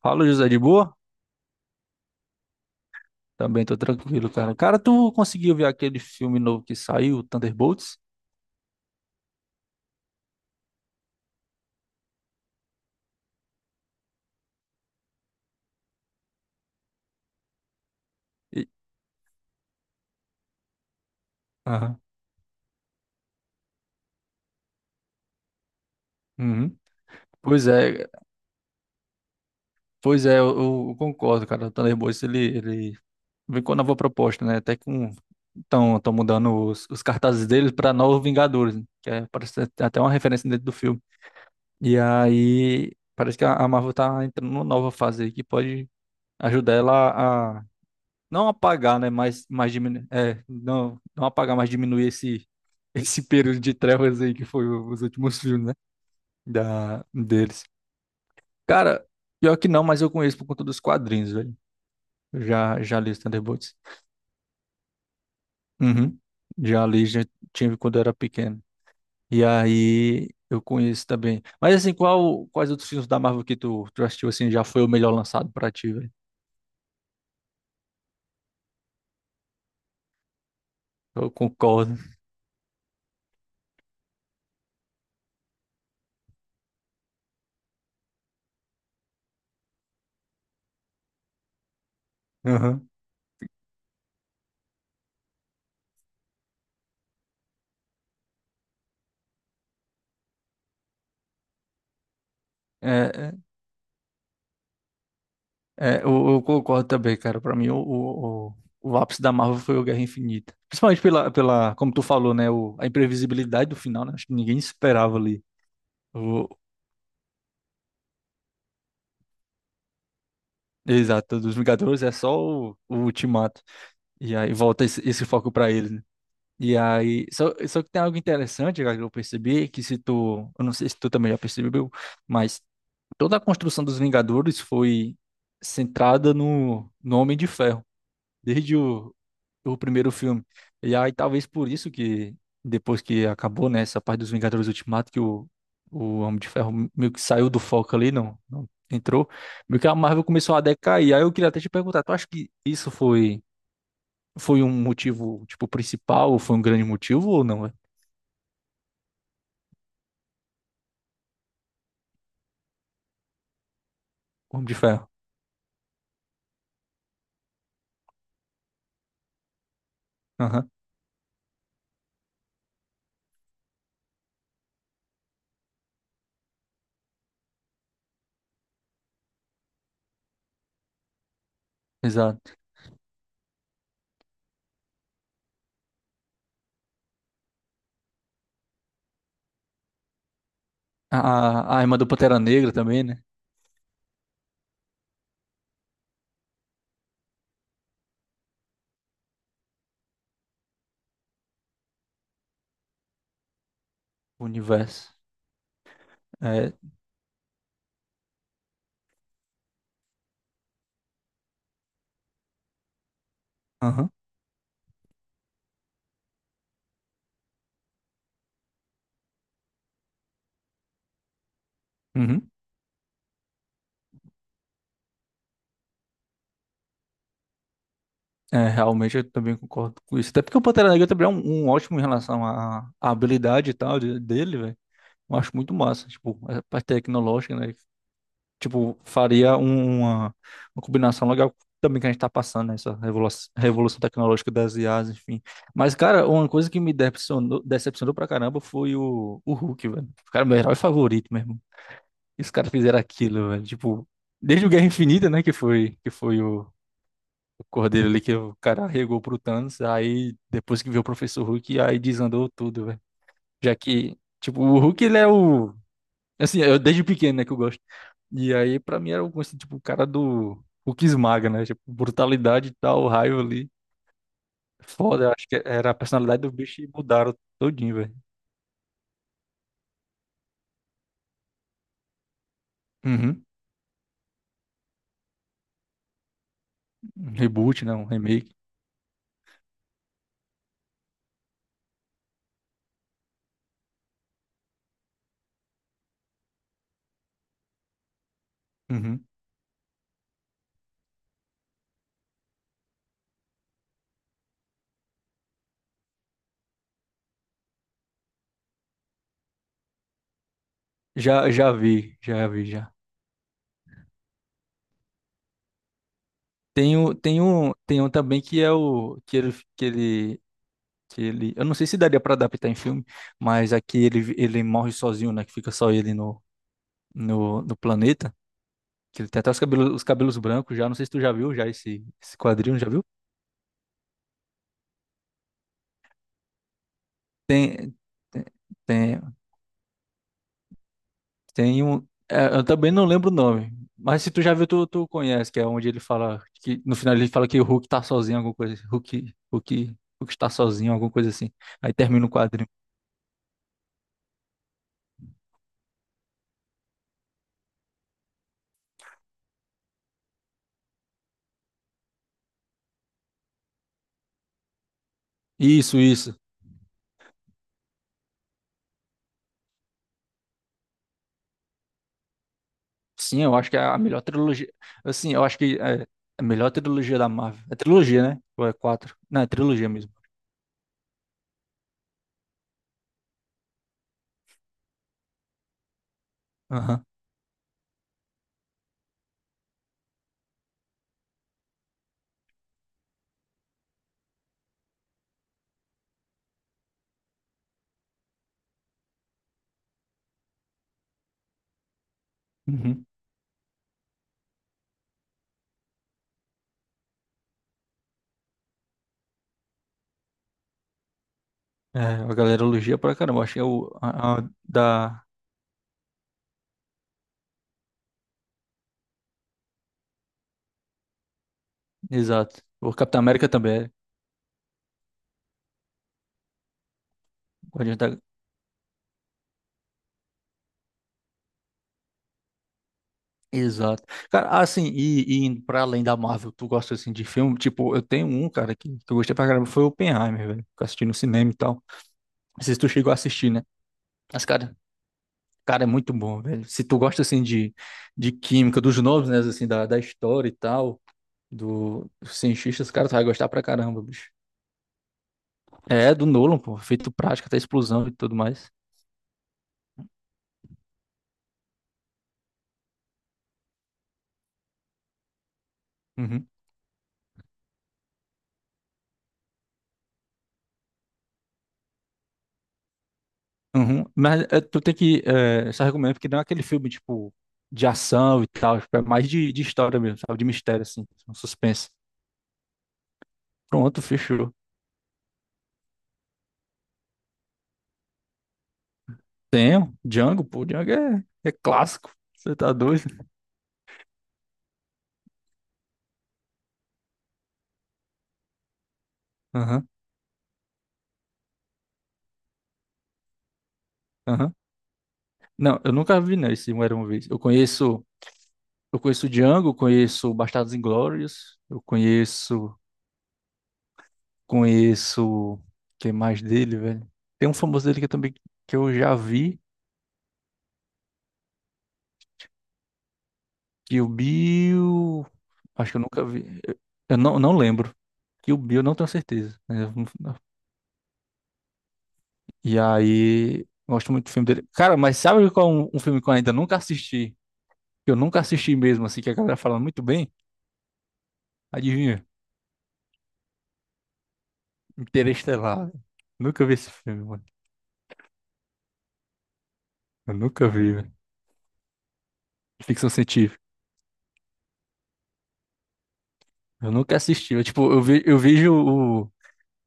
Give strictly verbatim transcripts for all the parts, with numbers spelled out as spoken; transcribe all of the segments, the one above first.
Fala, José, de boa? Também tô tranquilo, cara. Cara, tu conseguiu ver aquele filme novo que saiu, Thunderbolts? E- Aham. Uhum. Pois é, pois é, eu, eu concordo, cara. O Thunderbolts, ele, ele vem com a nova proposta, né? Até que estão tão mudando os, os cartazes deles pra Novos Vingadores, né? Que é, parece até até uma referência dentro do filme. E aí, parece que a a Marvel tá entrando numa nova fase aí que pode ajudar ela não apagar, né? Mas, mas diminuir. É, não, não apagar, mas diminuir esse, esse período de trevas aí que foi o- os últimos filmes, né? Da, deles. Cara, pior que não, mas eu conheço por conta dos quadrinhos, velho. Eu já, já li os Thunderbolts. Uhum. Já li, já tive quando eu era pequeno. E aí eu conheço também. Mas assim, qual, quais outros filmes da Marvel que tu, tu assistiu assim já foi o melhor lançado pra ti, velho? Eu concordo. Uhum. É, é. É, eu, eu concordo também, cara. Pra mim, o, o, o o ápice da Marvel foi o Guerra Infinita. Principalmente pela, pela, como tu falou, né? O, a imprevisibilidade do final, né? Acho que ninguém esperava ali. O, Exato, dos Vingadores é só o, o Ultimato. E aí volta esse, esse foco pra eles, né? E aí, só, só que tem algo interessante, cara, que eu percebi, que se tu, eu não sei se tu também já percebeu, mas toda a construção dos Vingadores foi centrada no, no Homem de Ferro. Desde o, o primeiro filme. E aí talvez por isso que depois que acabou, né, essa parte dos Vingadores Ultimato, que o, o Homem de Ferro meio que saiu do foco ali, não, não entrou, meio que a Marvel começou a decair. Aí eu queria até te perguntar, tu acha que isso foi foi um motivo, tipo, principal, ou foi um grande motivo ou não, é? O Homem de Ferro. Aham, exato. A, a a irmã do Pantera Negra também, né? O universo. É, aham. Uhum. É, realmente eu também concordo com isso. Até porque o Pantera Negra também é um, um ótimo em relação à, à habilidade e tal de- dele, velho. Eu acho muito massa, tipo, é, a parte tecnológica, né? Tipo, faria um- uma, uma combinação legal também que a gente tá passando, né? Essa revolu- revolução tecnológica das I As, enfim. Mas, cara, uma coisa que me decepcionou, decepcionou pra caramba foi o, o Hulk, velho. Cara, é meu herói favorito mesmo. Os caras fizeram aquilo, velho. Tipo, desde o Guerra Infinita, né? Que foi, que foi o o Cordeiro ali que o cara regou pro Thanos, aí depois que viu o Professor Hulk, aí desandou tudo, velho. Já que, tipo, o Hulk ele é o. Assim, eu desde pequeno, né, que eu gosto. E aí, pra mim, era o, assim, tipo, o cara do Hulk esmaga, né? Tipo, brutalidade e tal, raio ali. Foda, acho que era a personalidade do bicho e mudaram todinho, velho. Uhum. Um Reboot, né um remake. Uhum. Já, já vi, já vi, já. Tem, o, tem, um, tem um também que é o. Que ele, que ele que ele, eu não sei se daria para adaptar em filme, mas aqui ele ele morre sozinho, né, que fica só ele no no, no planeta, que ele tem até os cabelos os cabelos brancos já, não sei se tu já viu já esse esse quadrinho, já viu? Tem tem tem tem um é, eu também não lembro o nome, mas se tu já viu tu, tu conhece, que é onde ele fala que no final ele fala que o Hulk tá sozinho, alguma coisa, assim. Hulk Hulk Hulk está sozinho, alguma coisa assim. Aí termina o quadrinho. Isso, isso. Sim, eu acho que é a melhor trilogia. Assim, eu acho que é é a melhor trilogia da Marvel. É trilogia, né? Ou é quatro? Não, é trilogia mesmo. Aham. Uhum. É, a galera elogia pra caramba. Acho que é o a- a- da. Exato. O Capitão América também é. Guardião da- Exato. Cara, assim, e, e indo pra além da Marvel, tu gosta assim de filme? Tipo, eu tenho um, cara, que, que eu gostei pra caramba, foi o Oppenheimer, velho. Que eu assisti no cinema e tal. Não sei se tu chegou a assistir, né? Mas, cara, Cara, é muito bom, velho. Se tu gosta, assim, de, de química, dos nomes, né, assim, da, da história e tal, do, dos cientistas, cara, tu vai gostar pra caramba, bicho. É, do Nolan, pô, feito prática, até explosão e tudo mais. Uhum, uhum. Mas é, tu tem que, é, só recomendo, porque não é aquele filme, tipo, de ação e tal, tipo, é mais de, de história mesmo, sabe, de mistério, assim, um suspense. Pronto, fechou. Tenho, Django, pô, Django é, é clássico, você tá doido? Aham, aham. Não, eu nunca vi, né, esse Um Era Uma Vez. Eu conheço... Eu conheço o Django, conheço Bastardos Inglórios, eu conheço, conheço, quem mais dele, velho? Tem um famoso dele que eu também que eu já vi, Kill Bill, acho que eu nunca vi, eu, eu não, não lembro. Kill Bill, eu não tenho certeza. Né? Eu não- E aí, gosto muito do filme dele. Cara, mas sabe qual é um, um filme que eu ainda nunca assisti, que eu nunca assisti mesmo, assim, que a galera fala muito bem? Adivinha? Interestelar, velho. Nunca vi esse filme, mano. Eu nunca vi, velho. Ficção científica. Eu nunca assisti. Eu, tipo, eu, vi, eu vejo o,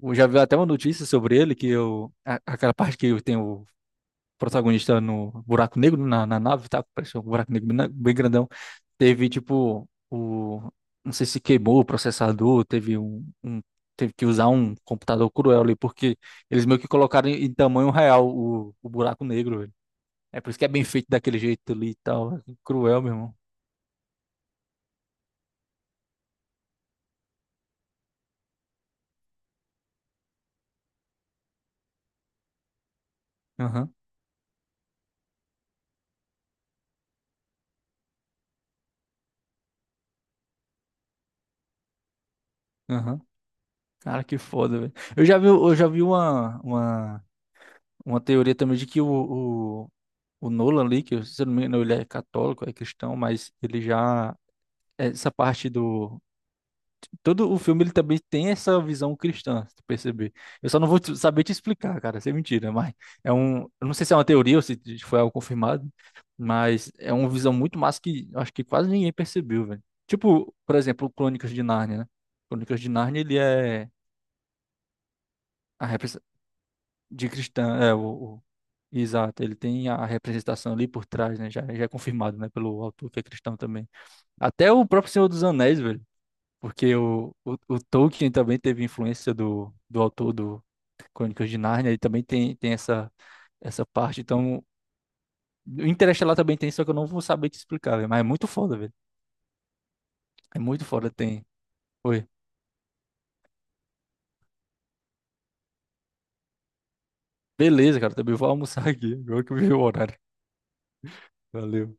o. Já vi até uma notícia sobre ele, que eu. A- aquela parte que tem o protagonista no buraco negro, na, na nave, tá? Parece um buraco negro bem bem grandão. Teve, tipo, o. Não sei se queimou o processador, teve um. Um- teve que usar um computador cruel ali, porque eles meio que colocaram em, em tamanho real o, o buraco negro, velho. É por isso que é bem feito daquele jeito ali e tal. É cruel, meu irmão. Aham, aham. Cara, que foda, velho. Eu já vi, eu já vi uma, uma Uma teoria também de que o, o, o Nolan ali, que se eu não me engano, ele é católico, é cristão, mas ele já. Essa parte do. Todo o filme ele também tem essa visão cristã, se tu perceber. Eu só não vou te- saber te explicar, cara, isso é mentira, mas é um. Eu não sei se é uma teoria ou se foi algo confirmado, mas é uma visão muito massa que eu acho que quase ninguém percebeu, velho. Tipo, por exemplo, Crônicas de Nárnia, né? Crônicas de Nárnia, ele é. A de cristã, é o, o- exato, ele tem a representação ali por trás, né? Já, já é confirmado, né, pelo autor que é cristão também. Até o próprio Senhor dos Anéis, velho, porque o, o, o Tolkien também teve influência do, do autor do Crônicas de Nárnia, ele também tem, tem essa, essa parte, então o Interestelar também tem, só que eu não vou saber te explicar, velho, mas é muito foda, velho. É muito foda, tem. Oi. Beleza, cara, também vou almoçar aqui, agora que eu vi o horário. Valeu.